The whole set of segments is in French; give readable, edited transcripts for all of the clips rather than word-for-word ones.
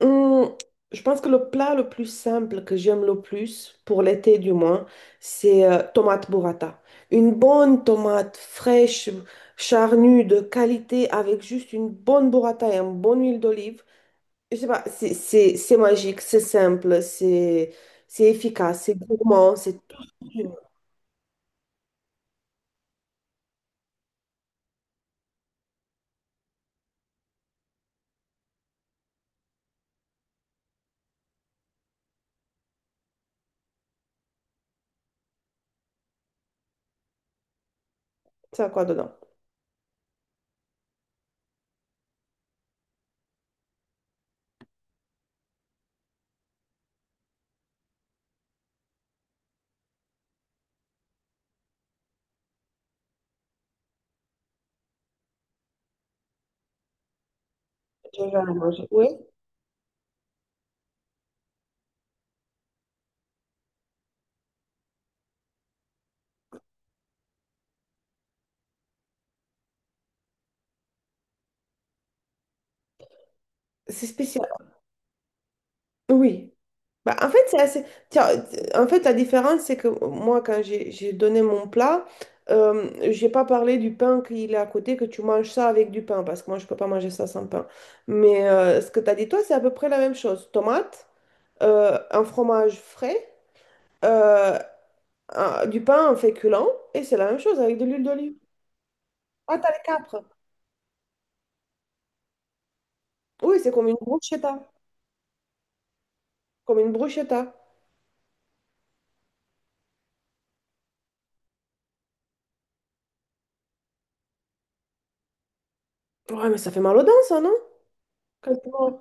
Hum, je pense que le plat le plus simple que j'aime le plus, pour l'été du moins, c'est tomate burrata. Une bonne tomate fraîche, charnue, de qualité, avec juste une bonne burrata et une bonne huile d'olive. Je sais pas, c'est magique, c'est simple, c'est efficace, c'est gourmand, c'est tout. Ça a quoi dedans? Je vais la manger. Oui, c'est spécial. Oui. Bah, en fait, c'est assez... Tiens, en fait, la différence, c'est que moi, quand j'ai donné mon plat, j'ai pas parlé du pain qu'il est à côté, que tu manges ça avec du pain, parce que moi, je peux pas manger ça sans pain. Mais ce que tu as dit, toi, c'est à peu près la même chose. Tomate, un fromage frais, euh, du pain en féculent, et c'est la même chose avec de l'huile d'olive. Ah, t'as les capres. Oui, c'est comme une bruschetta. Comme une bruschetta. Ouais, mais ça fait mal aux dents, ça, non? Quand tu manges.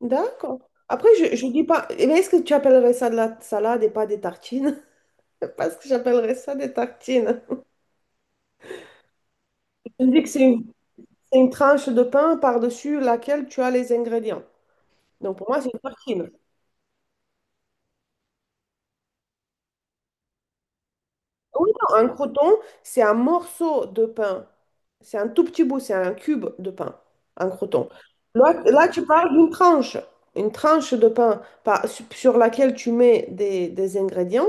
D'accord. Après, je dis pas. Eh bien, est-ce que tu appellerais ça de la salade et pas des tartines? Parce que j'appellerais ça des tartines. Je dis que c'est une tranche de pain par-dessus laquelle tu as les ingrédients. Donc pour moi, c'est une tartine. Ah oui, non, un croton, c'est un morceau de pain. C'est un tout petit bout, c'est un cube de pain, un croton. Là, là, tu parles d'une tranche. Une tranche de pain par- sur laquelle tu mets des ingrédients,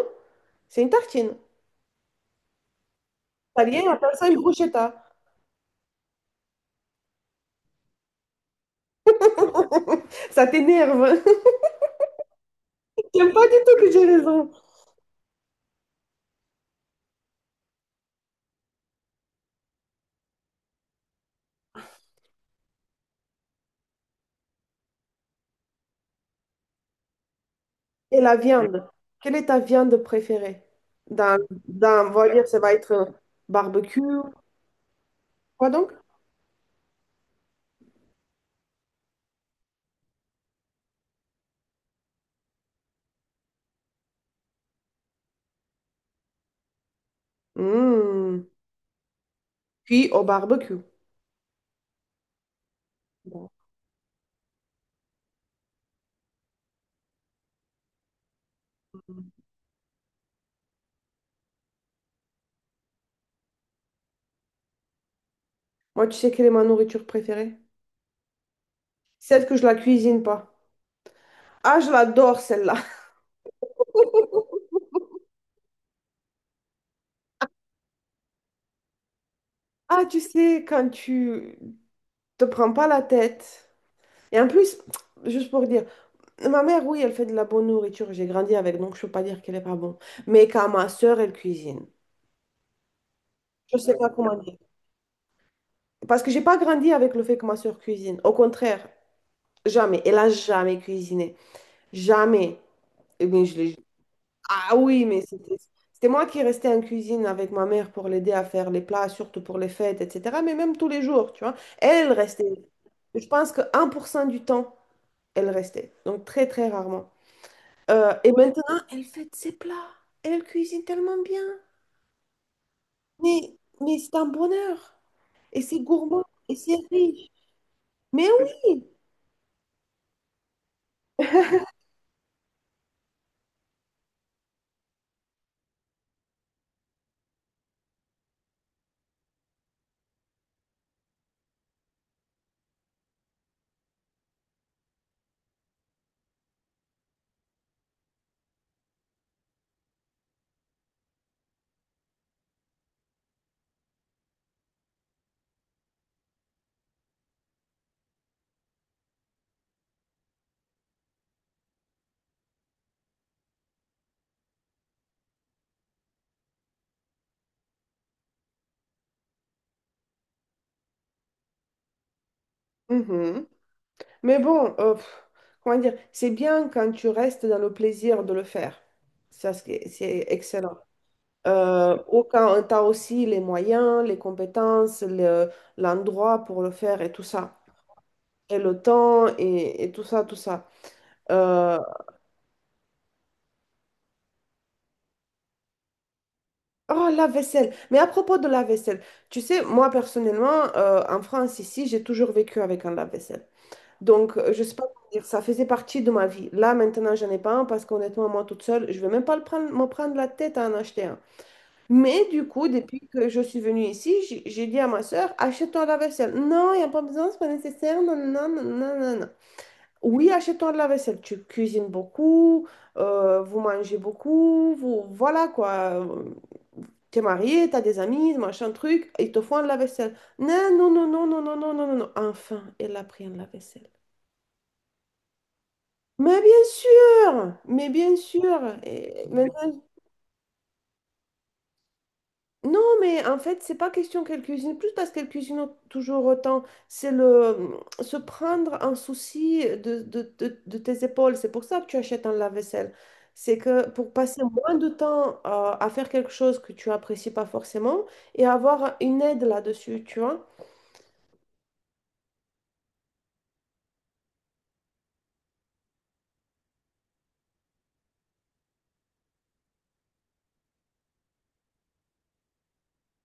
c'est une tartine. Italien appelle ça une bruschetta. Ça t'énerve. J'aime pas du tout que j'ai raison. Et la viande. Quelle est ta viande préférée? Dans, dans, on va dire, ça va être barbecue. Quoi donc? Mmh. Puis au barbecue. Bon. Moi, tu sais quelle est ma nourriture préférée? Celle que je la cuisine pas. Ah, je l'adore celle-là. Ah, tu sais, quand tu te prends pas la tête. Et en plus, juste pour dire, ma mère, oui, elle fait de la bonne nourriture. J'ai grandi avec, donc je peux pas dire qu'elle est pas bonne. Mais quand ma soeur, elle cuisine. Je sais pas comment dire. Parce que j'ai pas grandi avec le fait que ma soeur cuisine. Au contraire, jamais. Elle a jamais cuisiné. Jamais. Eh bien, je l'ai- Ah oui, mais c'était moi qui restais en cuisine avec ma mère pour l'aider à faire les plats, surtout pour les fêtes, etc. Mais même tous les jours, tu vois. Elle restait. Je pense que 1% du temps, elle restait. Donc très, très rarement. Et maintenant, elle fait ses plats. Elle cuisine tellement bien. Mais c'est un bonheur. Et c'est gourmand. Et c'est riche. Mais oui. Mhm. Mais bon, pff, comment dire, c'est bien quand tu restes dans le plaisir de le faire. Ça, c'est excellent. Ou quand tu as aussi les moyens, les compétences, le- l'endroit pour le faire et tout ça. Et le temps et tout ça, tout ça. Euh, oh, la vaisselle. Mais à propos de la vaisselle, tu sais, moi personnellement, en France, ici, j'ai toujours vécu avec un lave-vaisselle. Donc, je sais pas comment dire, ça faisait partie de ma vie. Là, maintenant, j'en ai pas un parce qu'honnêtement, moi toute seule, je vais même pas le prendre, me prendre la tête à en acheter un. Mais du coup, depuis que je suis venue ici, j'ai dit à ma soeur, achète-toi la vaisselle. Non, il n'y a pas besoin, c'est pas nécessaire. Non, non, non, non, non. Non. Oui, achète-toi de la vaisselle. Tu cuisines beaucoup, vous mangez beaucoup, vous, voilà quoi. T'es marié, t'as des amis, machin truc, ils te font de la vaisselle. Non, non, non, non, non, non, non, non, non, non. Enfin, elle a pris un lave-vaisselle. Mais bien sûr, mais bien sûr. Et maintenant, non, mais en fait, c'est pas question qu'elle cuisine plus parce qu'elle cuisine au- toujours autant. C'est le mmh, se prendre un souci de tes épaules. C'est pour ça que tu achètes un lave-vaisselle. C'est que pour passer moins de temps à faire quelque chose que tu apprécies pas forcément et avoir une aide là-dessus, tu vois.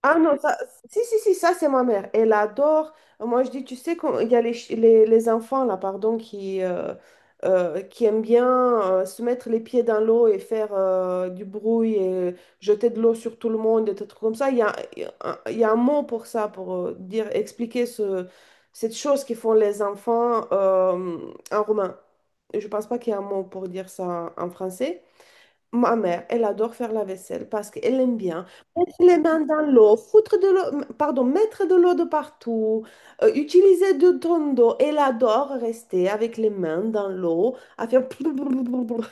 Ah non, ça, si, si, si, ça c'est ma mère. Elle adore. Moi je dis, tu sais, quand il y a les, ch- les enfants là, pardon, qui aiment bien se mettre les pieds dans l'eau et faire du bruit et jeter de l'eau sur tout le monde et des trucs comme ça. Il y a un il y a un mot pour ça, pour dire, expliquer ce, cette chose qu'ils font les enfants en roumain. Je pense pas qu'il y a un mot pour dire ça en français. Ma mère, elle adore faire la vaisselle parce qu'elle aime bien. Les mains dans l'eau, foutre de l'eau, pardon, mettre de l'eau de partout, utiliser de ton d'eau. Elle adore rester avec les mains dans l'eau, à faire plou, plou, plou, plou, plou.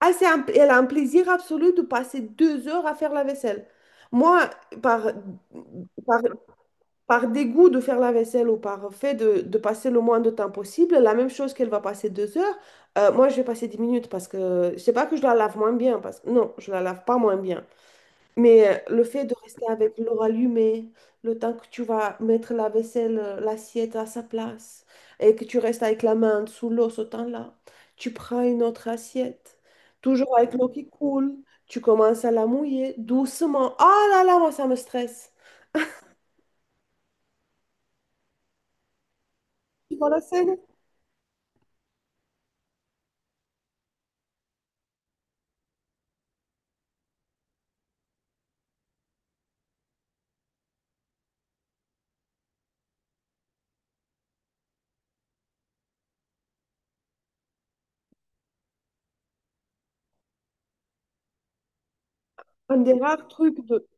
Ah, c'est un- elle a un plaisir absolu de passer 2 heures à faire la vaisselle. Moi, par, par, par dégoût de faire la vaisselle ou par fait de passer le moins de temps possible, la même chose qu'elle va passer 2 heures, moi je vais passer 10 minutes parce que je sais pas que je la lave moins bien, parce que non, je la lave pas moins bien. Mais le fait de rester avec l'eau allumée, le temps que tu vas mettre la vaisselle, l'assiette à sa place, et que tu restes avec la main sous l'eau ce temps-là, tu prends une autre assiette, toujours avec l'eau qui coule, tu commences à la mouiller doucement. Ah là là, moi ça me stresse. Tu vois la scène? Un des rares trucs de,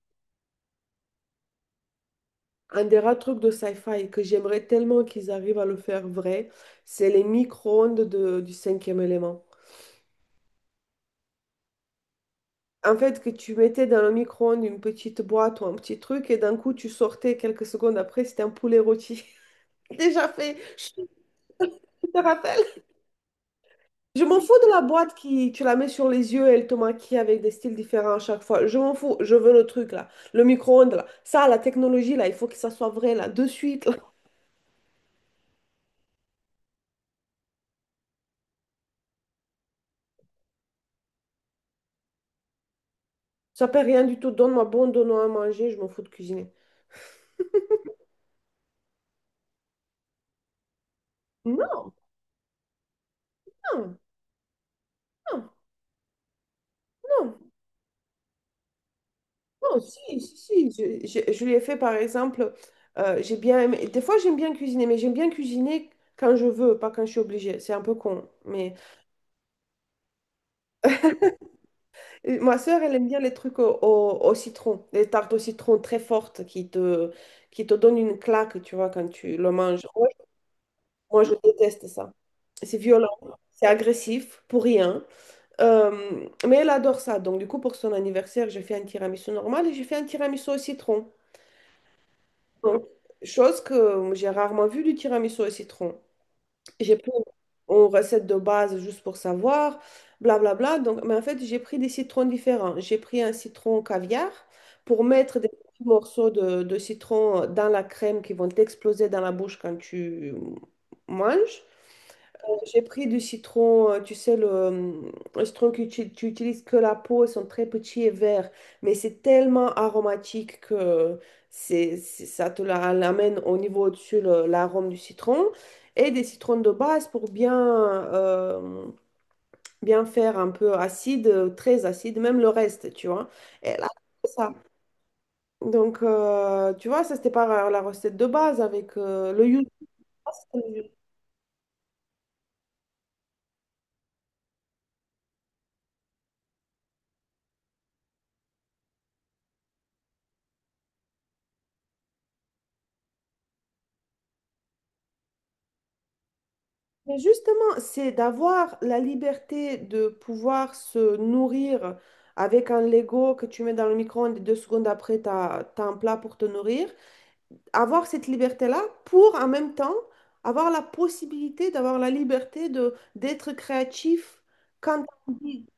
un des rares trucs de sci-fi que j'aimerais tellement qu'ils arrivent à le faire vrai, c'est les micro-ondes de- du cinquième élément. En fait, que tu mettais dans le micro-ondes une petite boîte ou un petit truc, et d'un coup, tu sortais quelques secondes après, c'était un poulet rôti. Déjà fait, je te rappelle. Je m'en fous de la boîte qui, tu la mets sur les yeux et elle te maquille avec des styles différents à chaque fois. Je m'en fous, je veux le truc là, le micro-ondes là. Ça, la technologie là, il faut que ça soit vrai là, de suite. Là. Ça paie rien du tout, donne-moi bon, donne-moi à manger, je m'en fous de cuisiner. Non, non, non, non. Non, si, si, si. Je l'ai fait par exemple. J'ai bien aimé- Des fois, j'aime bien cuisiner, mais j'aime bien cuisiner quand je veux, pas quand je suis obligée. C'est un peu con. Mais Et ma sœur, elle aime bien les trucs au, au- au citron, les tartes au citron très fortes qui te donnent une claque, tu vois, quand tu le manges. Moi, moi, je déteste ça. C'est violent, c'est agressif, pour rien. Mais elle adore ça. Donc, du coup, pour son anniversaire, j'ai fait un tiramisu normal et j'ai fait un tiramisu au citron. Donc, chose que j'ai rarement vue du tiramisu au citron. J'ai pris une recette de base juste pour savoir, blablabla. Donc, mais en fait, j'ai pris des citrons différents. J'ai pris un citron caviar pour mettre des petits morceaux de citron dans la crème qui vont exploser dans la bouche quand tu manges. J'ai pris du citron, tu sais, le citron que tu utilises que la peau, ils sont très petits et verts, mais c'est tellement aromatique que c'est- ça te la- l'amène au niveau au-dessus le- l'arôme du citron. Et des citrons de base pour bien, euh, bien faire un peu acide, très acide, même le reste, tu vois. Et là, c'est ça. Donc, tu vois, ça, c'était pas la recette de base avec le yuzu. Mais justement, c'est d'avoir la liberté de pouvoir se nourrir avec un Lego que tu mets dans le micro-ondes et deux secondes après, tu as, un plat pour te nourrir. Avoir cette liberté-là pour en même temps avoir la possibilité d'avoir la liberté de d'être créatif quand on dit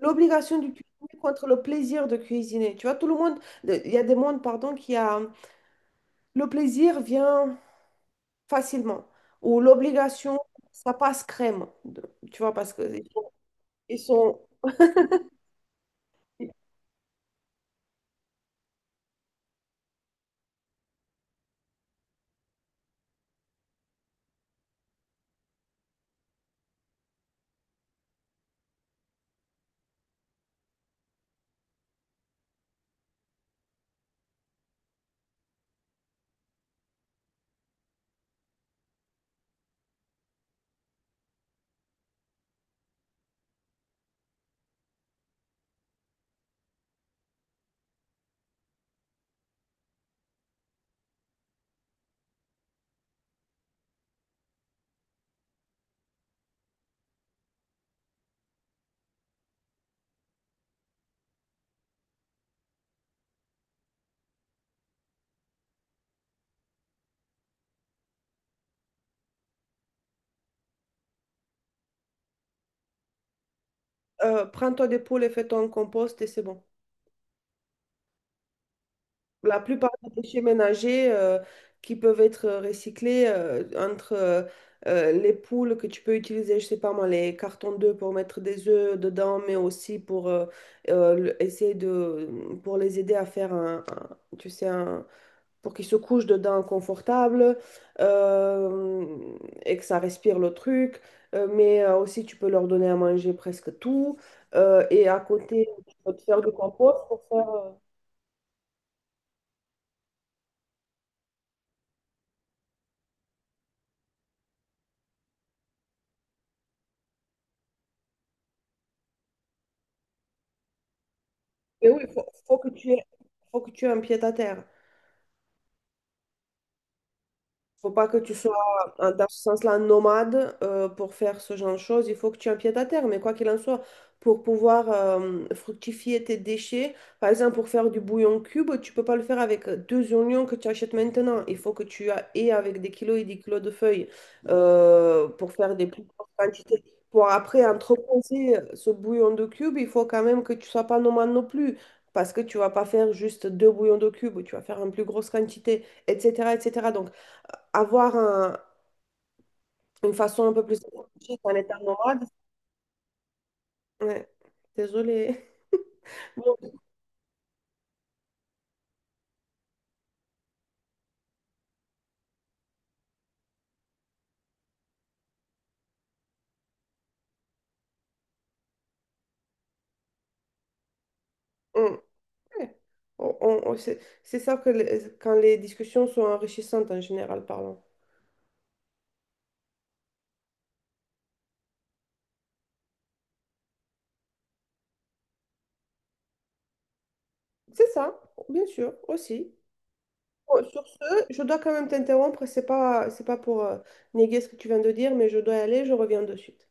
l'obligation de cuisiner contre le plaisir de cuisiner. Tu vois, tout le monde, il y a des mondes, pardon, qui a le plaisir vient. Facilement. Ou l'obligation, ça passe crème. De- Tu vois, parce que ils sont, prends toi des poules et fais-toi un compost et c'est bon. La plupart des déchets ménagers qui peuvent être recyclés entre les poules que tu peux utiliser, je sais pas moi, les cartons d'œufs pour mettre des œufs dedans, mais aussi pour le- essayer de pour les aider à faire un- tu sais, un pour qu'il se couche dedans confortable euh, et que ça respire le truc. Mais aussi, tu peux leur donner à manger presque tout. Et à côté, tu peux te faire du compost pour faire... Mais oui, il faut, faut que tu aies, faut que tu aies un pied à terre. Faut pas que tu sois, en- dans ce sens-là, nomade pour faire ce genre de choses. Il faut que tu aies un pied à terre. Mais quoi qu'il en soit, pour pouvoir fructifier tes déchets, par exemple, pour faire du bouillon cube, tu peux pas le faire avec deux oignons que tu achètes maintenant. Il faut que tu a- aies avec des kilos et des kilos de feuilles pour faire des plus grosses quantités. Pour après entreposer ce bouillon de cube, il faut quand même que tu sois pas nomade non plus. Parce que tu vas pas faire juste deux bouillons de cube, tu vas faire une plus grosse quantité etc., etc. Donc, avoir un- une façon un peu plus énergique, un état nomade. Ouais, désolée. Bon, on- ouais. On- c'est ça que les- quand les discussions sont enrichissantes en général parlant. C'est ça, bien sûr, aussi. Bon, sur ce, je dois quand même t'interrompre. C'est pas pour néguer ce que tu viens de dire, mais je dois y aller, je reviens de suite.